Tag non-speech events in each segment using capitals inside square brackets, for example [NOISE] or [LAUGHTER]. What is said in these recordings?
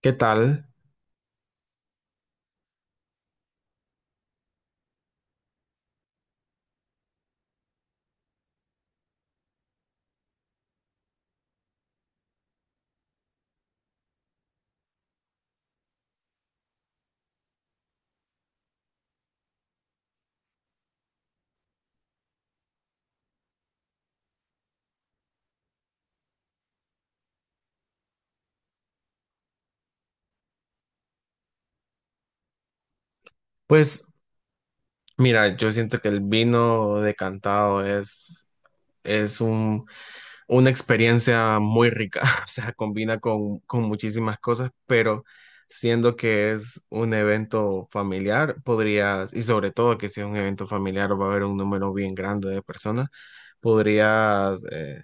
¿Qué tal? Pues mira, yo siento que el vino decantado es un, una experiencia muy rica, [LAUGHS] o sea, combina con muchísimas cosas, pero siendo que es un evento familiar, podrías, y sobre todo que si es un evento familiar va a haber un número bien grande de personas, podrías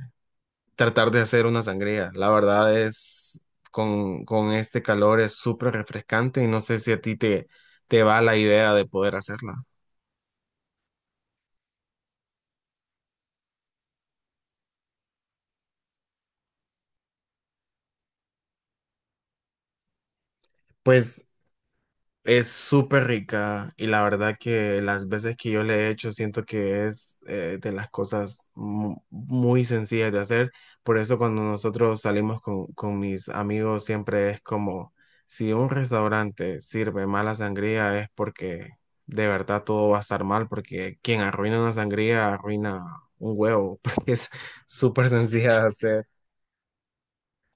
tratar de hacer una sangría. La verdad es, con este calor es súper refrescante y no sé si a te va la idea de poder hacerla. Pues es súper rica y la verdad que las veces que yo le he hecho siento que es de las cosas muy sencillas de hacer. Por eso cuando nosotros salimos con mis amigos siempre es como si un restaurante sirve mala sangría es porque de verdad todo va a estar mal, porque quien arruina una sangría arruina un huevo, [LAUGHS] porque es súper sencilla de hacer.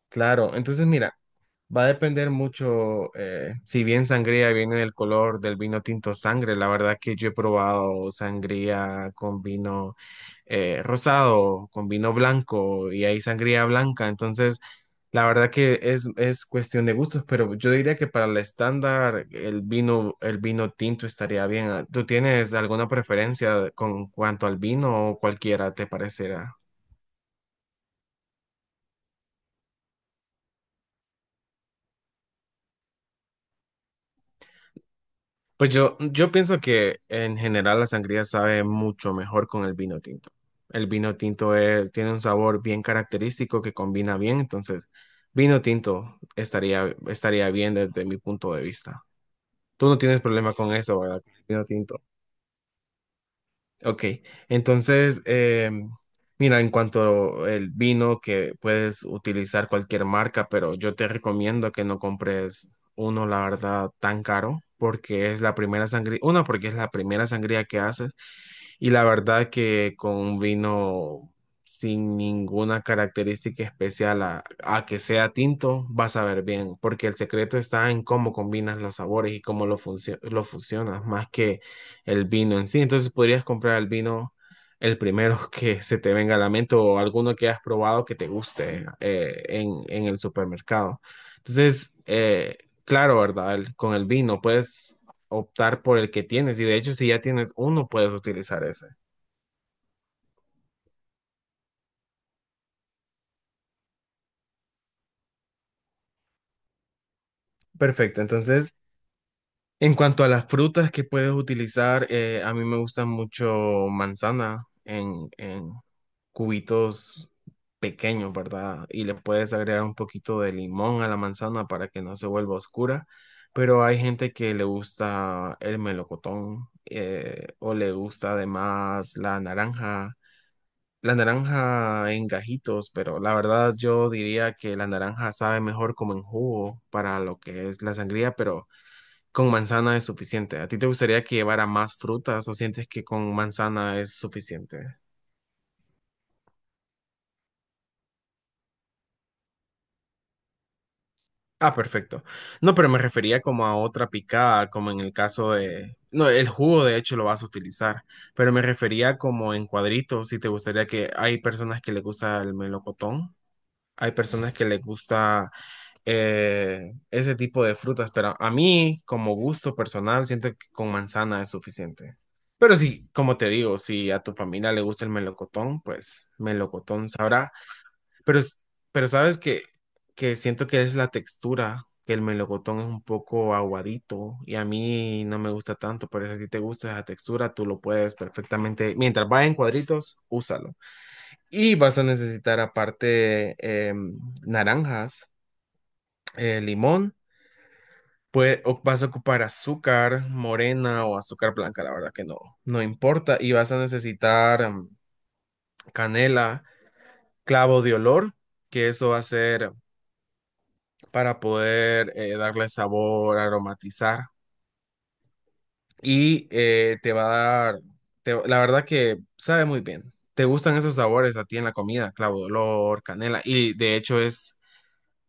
Claro, entonces mira. Va a depender mucho, si bien sangría viene del color del vino tinto sangre, la verdad que yo he probado sangría con vino rosado, con vino blanco y hay sangría blanca, entonces la verdad que es cuestión de gustos, pero yo diría que para el estándar el vino tinto estaría bien. ¿Tú tienes alguna preferencia con cuanto al vino o cualquiera te parecerá? Pues yo pienso que en general la sangría sabe mucho mejor con el vino tinto. El vino tinto tiene un sabor bien característico que combina bien, entonces vino tinto estaría bien desde mi punto de vista. Tú no tienes problema con eso, ¿verdad? Vino tinto. Ok, entonces, mira, en cuanto el vino, que puedes utilizar cualquier marca, pero yo te recomiendo que no compres uno, la verdad, tan caro, porque es la primera sangría, una, porque es la primera sangría que haces, y la verdad que con un vino sin ninguna característica especial a que sea tinto, vas a ver bien, porque el secreto está en cómo combinas los sabores y cómo lo fusionas, más que el vino en sí. Entonces podrías comprar el vino el primero [LAUGHS] que se te venga a la mente o alguno que has probado que te guste en el supermercado. Entonces, claro, ¿verdad? El- con el vino puedes optar por el que tienes y de hecho si ya tienes uno puedes utilizar ese. Perfecto, entonces. En cuanto a las frutas que puedes utilizar, a mí me gusta mucho manzana en cubitos pequeños, ¿verdad? Y le puedes agregar un poquito de limón a la manzana para que no se vuelva oscura, pero hay gente que le gusta el melocotón o le gusta además la naranja en gajitos, pero la verdad yo diría que la naranja sabe mejor como en jugo para lo que es la sangría, pero con manzana es suficiente. ¿A ti te gustaría que llevara más frutas o sientes que con manzana es suficiente? Ah, perfecto. No, pero me refería como a otra picada, como en el caso de... No, el jugo de hecho lo vas a utilizar, pero me refería como en cuadritos, si te gustaría que hay personas que les gusta el melocotón. Hay personas que les gusta ese tipo de frutas, pero a mí, como gusto personal, siento que con manzana es suficiente. Pero sí, como te digo, si a tu familia le gusta el melocotón, pues melocotón sabrá. Pero, sabes que siento que es la textura, que el melocotón es un poco aguadito y a mí no me gusta tanto, pero si a ti te gusta esa textura, tú lo puedes perfectamente. Mientras vaya en cuadritos, úsalo. Y vas a necesitar aparte em, naranjas, limón, pues vas a ocupar azúcar morena o azúcar blanca, la verdad que no importa. Y vas a necesitar canela, clavo de olor, que eso va a ser para poder darle sabor, aromatizar. Y te va a dar, te- la verdad que sabe muy bien. Te gustan esos sabores a ti en la comida, clavo de olor, canela. Y de hecho es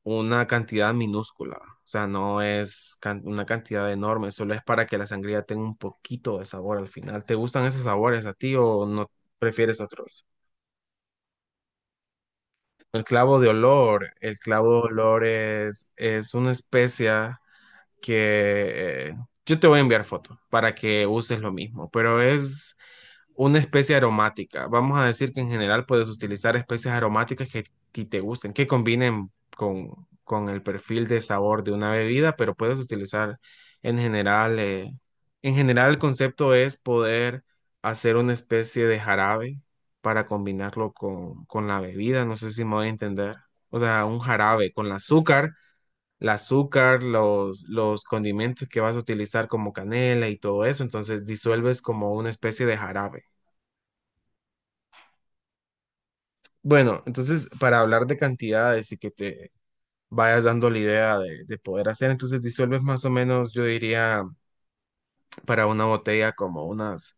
una cantidad minúscula, o sea, no es can- una cantidad enorme, solo es para que la sangría tenga un poquito de sabor al final. ¿Te gustan esos sabores a ti o no prefieres otros? El clavo de olor es una especia que yo te voy a enviar foto para que uses lo mismo, pero es una especie aromática. Vamos a decir que en general puedes utilizar especies aromáticas que a ti te gusten, que combinen con, con el perfil de sabor de una bebida, pero puedes utilizar en general, el concepto es poder hacer una especie de jarabe para combinarlo con la bebida. No sé si me voy a entender. O sea, un jarabe con el azúcar. El azúcar, los condimentos que vas a utilizar como canela y todo eso, entonces disuelves como una especie de jarabe. Bueno, entonces para hablar de cantidades y que te vayas dando la idea de poder hacer, entonces disuelves más o menos, yo diría, para una botella como unas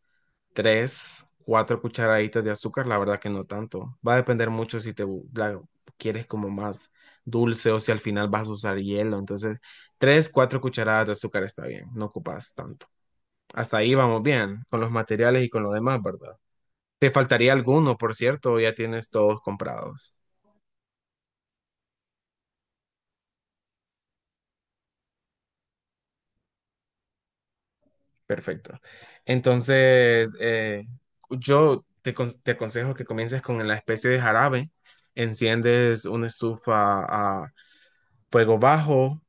tres, cuatro cucharaditas de azúcar, la verdad que no tanto. Va a depender mucho si la quieres como más dulce o si al final vas a usar hielo. Entonces, tres, cuatro cucharadas de azúcar está bien, no ocupas tanto. Hasta ahí vamos bien, con los materiales y con lo demás, ¿verdad? ¿Te faltaría alguno, por cierto, o ya tienes todos comprados? Perfecto. Entonces, te aconsejo que comiences con la especie de jarabe, enciendes una estufa a fuego bajo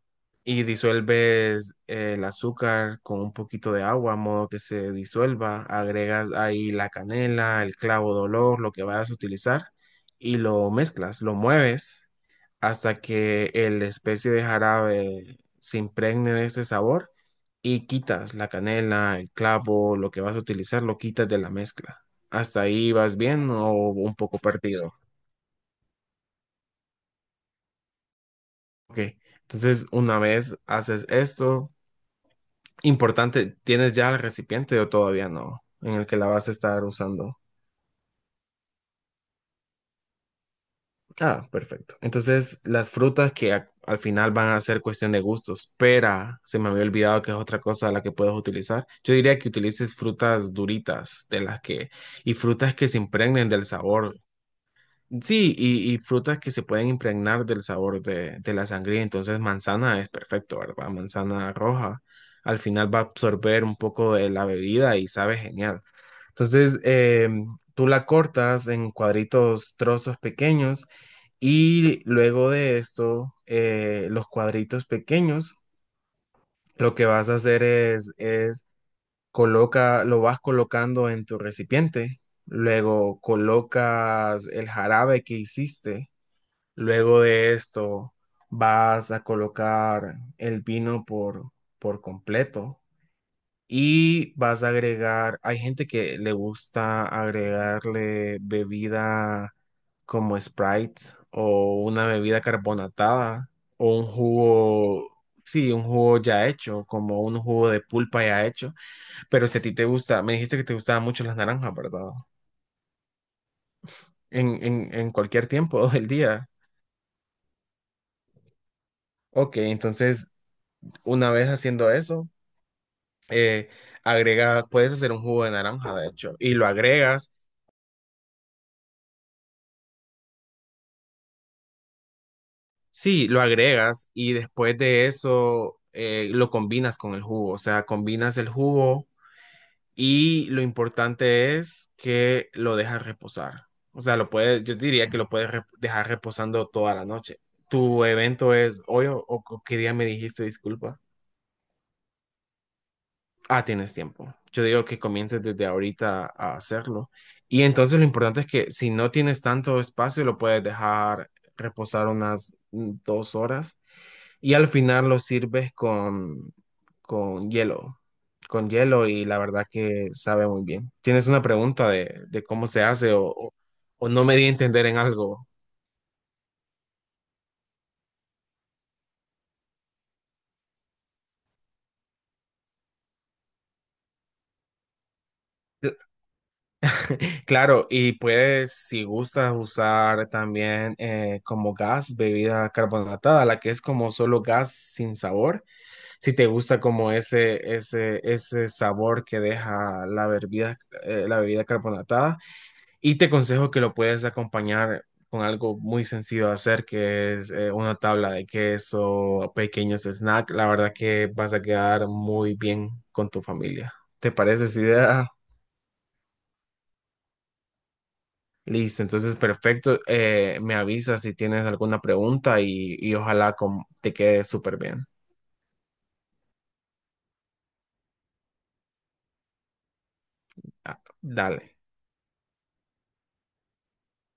y disuelves el azúcar con un poquito de agua, a modo que se disuelva, agregas ahí la canela, el clavo de olor, lo que vayas a utilizar y lo mezclas, lo mueves hasta que el especie de jarabe se impregne de ese sabor y quitas la canela, el clavo, lo que vas a utilizar, lo quitas de la mezcla. ¿Hasta ahí vas bien o un poco perdido? Ok, entonces una vez haces esto, importante, ¿tienes ya el recipiente o todavía no? En el que la vas a estar usando. Ah, perfecto. Entonces, las frutas que al final van a ser cuestión de gustos. Pera, se me había olvidado que es otra cosa de la que puedes utilizar. Yo diría que utilices frutas duritas de las que y frutas que se impregnen del sabor. Sí, y frutas que se pueden impregnar del sabor de la sangría. Entonces, manzana es perfecto, ¿verdad? Manzana roja. Al final va a absorber un poco de la bebida y sabe genial. Entonces, tú la cortas en cuadritos, trozos pequeños. Y luego de esto, los cuadritos pequeños, lo que vas a hacer es coloca, lo vas colocando en tu recipiente. Luego colocas el jarabe que hiciste. Luego de esto, vas a colocar el vino por completo y vas a agregar, hay gente que le gusta agregarle bebida como Sprite o una bebida carbonatada o un jugo, sí, un jugo ya hecho, como un jugo de pulpa ya hecho. Pero si a ti te gusta, me dijiste que te gustaban mucho las naranjas, ¿verdad? En cualquier tiempo [LAUGHS] del día. Ok, entonces una vez haciendo eso, eh, agrega, puedes hacer un jugo de naranja, de hecho, y lo agregas, sí, lo agregas y después de eso lo combinas con el jugo, o sea, combinas el jugo y lo importante es que lo dejas reposar. O sea, lo puedes, yo diría que lo puedes dejar reposando toda la noche. ¿Tu evento es hoy o qué día me dijiste, disculpa? Ah, tienes tiempo. Yo digo que comiences desde ahorita a hacerlo. Y entonces lo importante es que si no tienes tanto espacio, lo puedes dejar reposar unas 2 horas y al final lo sirves con hielo, con hielo y la verdad que sabe muy bien. ¿Tienes una pregunta de cómo se hace o no me di a entender en algo? Claro, y puedes, si gustas, usar también como gas bebida carbonatada, la que es como solo gas sin sabor. Si te gusta como ese sabor que deja la bebida carbonatada. Y te aconsejo que lo puedes acompañar con algo muy sencillo de hacer, que es una tabla de queso, pequeños snacks. La verdad que vas a quedar muy bien con tu familia. ¿Te parece esa idea? Listo, entonces perfecto. Me avisas si tienes alguna pregunta y ojalá te quede súper bien. Ah, dale.